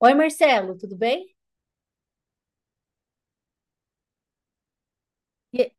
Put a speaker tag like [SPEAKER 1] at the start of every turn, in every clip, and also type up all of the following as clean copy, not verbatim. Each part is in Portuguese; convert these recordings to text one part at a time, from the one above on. [SPEAKER 1] Oi, Marcelo, tudo bem? E-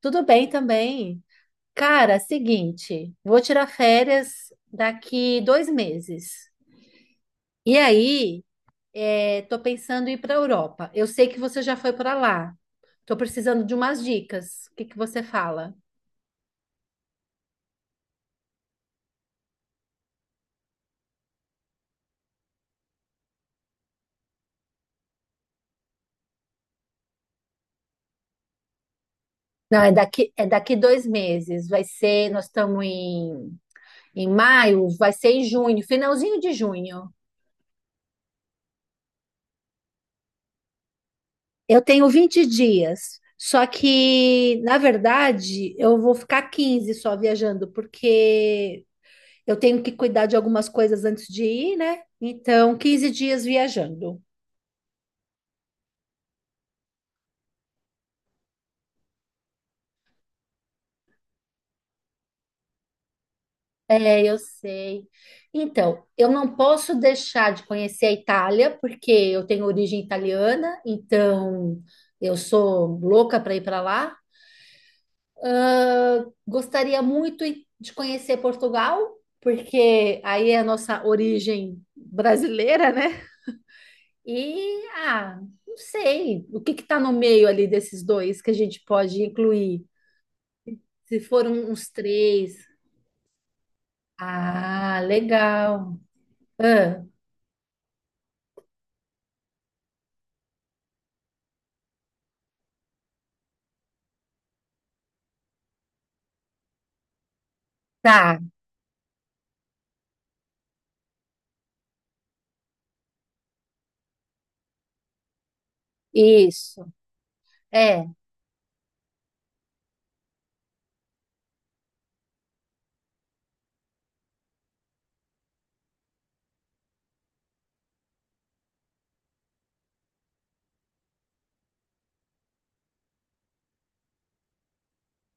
[SPEAKER 1] Tudo bem também. Cara, seguinte, vou tirar férias daqui 2 meses. E aí, é, tô pensando em ir para a Europa. Eu sei que você já foi para lá. Tô precisando de umas dicas. O que que você fala? Não, é daqui 2 meses. Vai ser, nós estamos em maio, vai ser em junho, finalzinho de junho. Eu tenho 20 dias, só que, na verdade, eu vou ficar 15 só viajando, porque eu tenho que cuidar de algumas coisas antes de ir, né? Então, 15 dias viajando. É, eu sei. Então, eu não posso deixar de conhecer a Itália, porque eu tenho origem italiana, então eu sou louca para ir para lá. Gostaria muito de conhecer Portugal, porque aí é a nossa origem brasileira, né? E, ah, não sei, o que que tá no meio ali desses dois que a gente pode incluir? Se foram uns três. Ah, legal. Ah, tá, isso. É,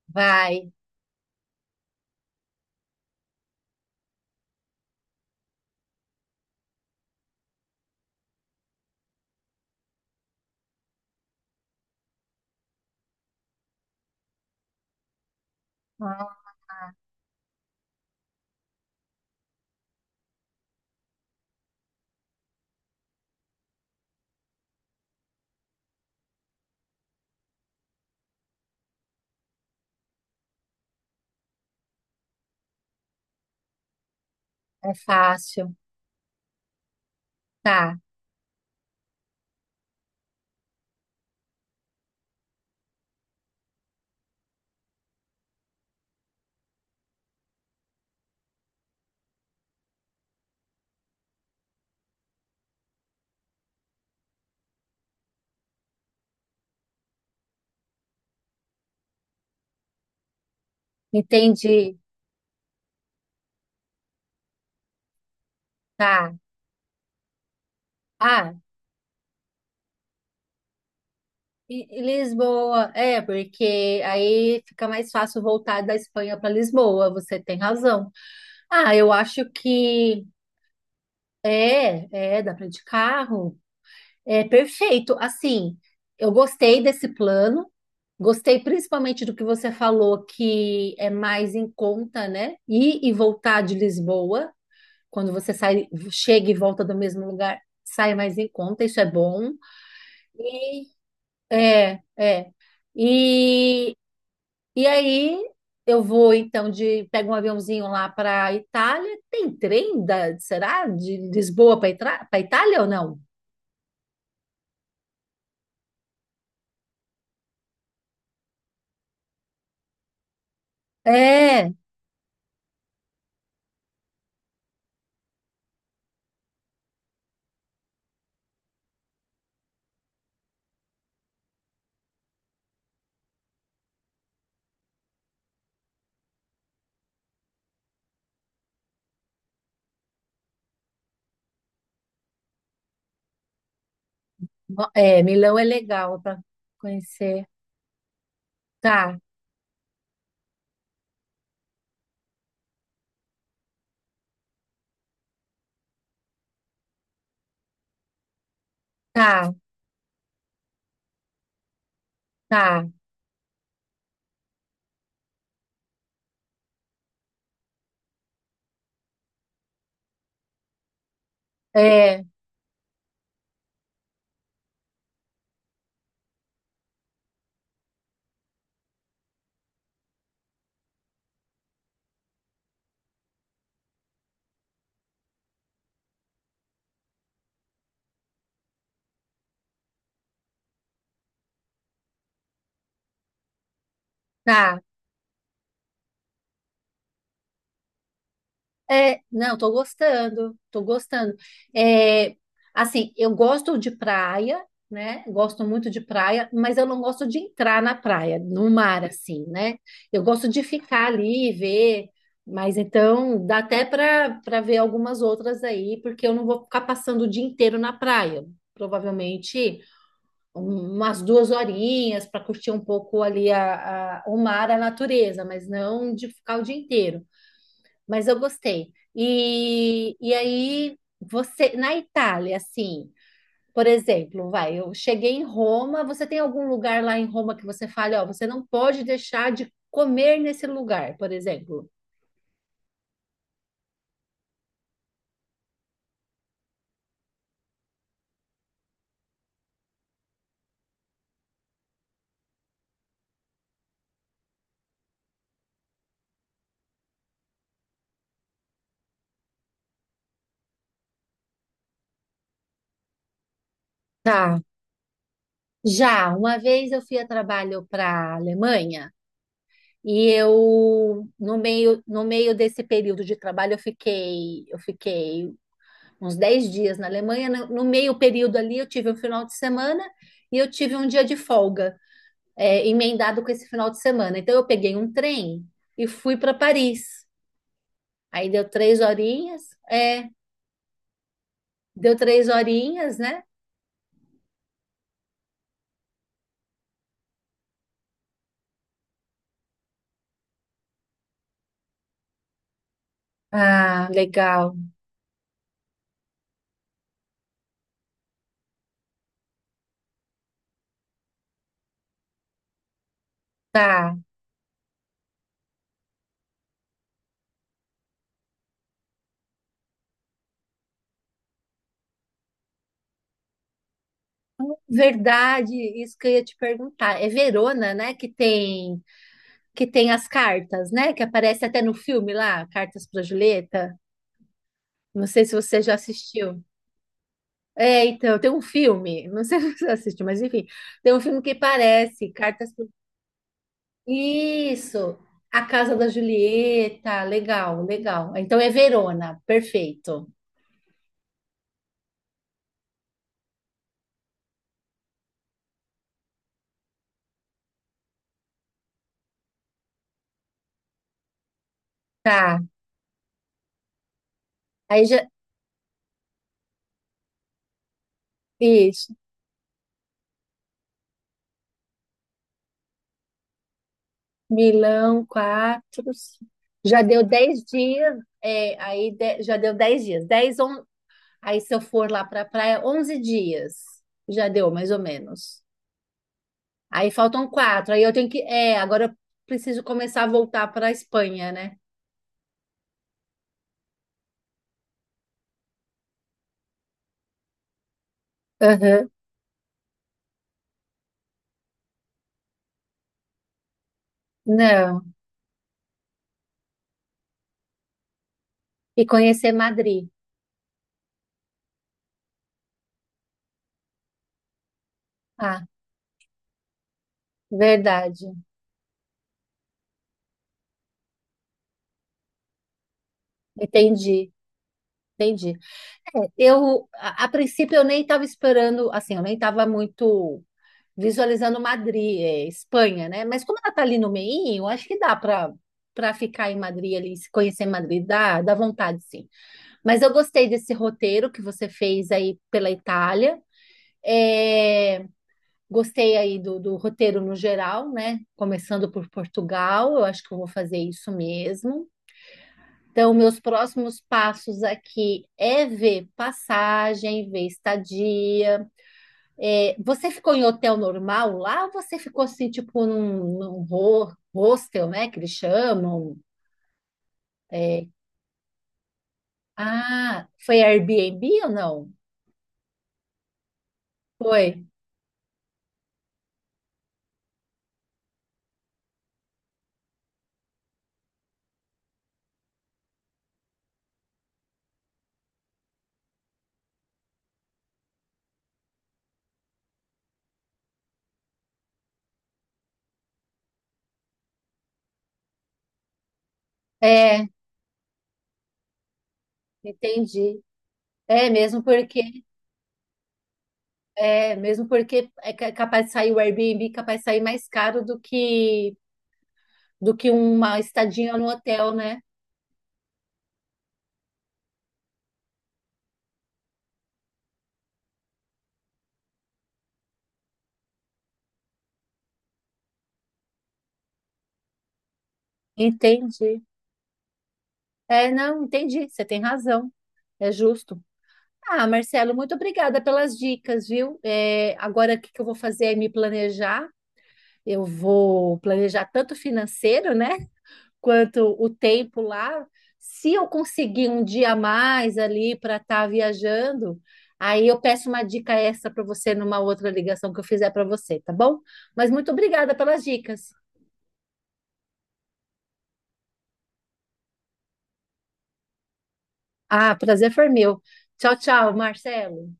[SPEAKER 1] vai. Ah, é fácil. Tá, entendi. Tá. Ah, e Lisboa. É, porque aí fica mais fácil voltar da Espanha para Lisboa. Você tem razão. Ah, eu acho que. É, é, dá para de carro. É perfeito. Assim, eu gostei desse plano. Gostei principalmente do que você falou, que é mais em conta, né? Ir e voltar de Lisboa, quando você sai, chega e volta do mesmo lugar, sai mais em conta, isso é bom. E é, é. E, e aí eu vou então de pego um aviãozinho lá para Itália. Tem trem da, será? De Lisboa para Itália ou não? É. É, Milão é legal para conhecer. Tá, tá, tá. É, tá. É, não, tô gostando, tô gostando. É, assim, eu gosto de praia, né? Gosto muito de praia, mas eu não gosto de entrar na praia, no mar, assim, né? Eu gosto de ficar ali e ver, mas então dá até para ver algumas outras aí, porque eu não vou ficar passando o dia inteiro na praia. Provavelmente. Umas 2 horinhas para curtir um pouco ali o mar, a natureza, mas não de ficar o dia inteiro. Mas eu gostei. E aí, você, na Itália, assim, por exemplo, vai, eu cheguei em Roma, você tem algum lugar lá em Roma que você fale, ó, você não pode deixar de comer nesse lugar, por exemplo? Tá. Já, uma vez eu fui a trabalho para a Alemanha. E eu, no meio desse período de trabalho, eu fiquei uns 10 dias na Alemanha. No meio período ali, eu tive um final de semana e eu tive um dia de folga, é, emendado com esse final de semana. Então, eu peguei um trem e fui para Paris. Aí deu 3 horinhas, é, deu 3 horinhas, né? Ah, legal. Tá. Verdade, isso que eu ia te perguntar. É Verona, né, que tem as cartas, né? Que aparece até no filme lá, Cartas para Julieta. Não sei se você já assistiu. É, então, tem um filme, não sei se você assistiu, mas enfim, tem um filme que parece Cartas para. Isso, a Casa da Julieta, legal, legal. Então é Verona, perfeito. Tá. Aí já isso, Milão, quatro, já deu 10 dias. É, aí já deu 10 dias, 10, aí, se eu for lá para a praia, 11 dias. Já deu, mais ou menos. Aí faltam quatro. Aí eu tenho que. É, agora eu preciso começar a voltar para a Espanha, né? Aham. Não. E conhecer Madrid. Ah, verdade. Entendi. Entendi. É, eu, a princípio, eu nem estava esperando, assim, eu nem estava muito visualizando Madrid, é, Espanha, né? Mas como ela tá ali no meio, acho que dá para ficar em Madrid ali, se conhecer Madrid, dá vontade, sim. Mas eu gostei desse roteiro que você fez aí pela Itália. É, gostei aí do roteiro no geral, né? Começando por Portugal, eu acho que eu vou fazer isso mesmo. Então, meus próximos passos aqui é ver passagem, ver estadia. É, você ficou em hotel normal lá ou você ficou assim, tipo, num hostel, né? Que eles chamam. É, ah, foi Airbnb ou não? Foi. É, entendi. É, mesmo porque é capaz de sair o Airbnb, capaz de sair mais caro do que uma estadinha no hotel, né? Entendi. É, não, entendi. Você tem razão. É justo. Ah, Marcelo, muito obrigada pelas dicas, viu? É, agora o que que eu vou fazer é me planejar. Eu vou planejar tanto financeiro, né, quanto o tempo lá, se eu conseguir um dia a mais ali para estar viajando, aí eu peço uma dica extra para você numa outra ligação que eu fizer para você, tá bom? Mas muito obrigada pelas dicas. Ah, prazer foi meu. Tchau, tchau, Marcelo.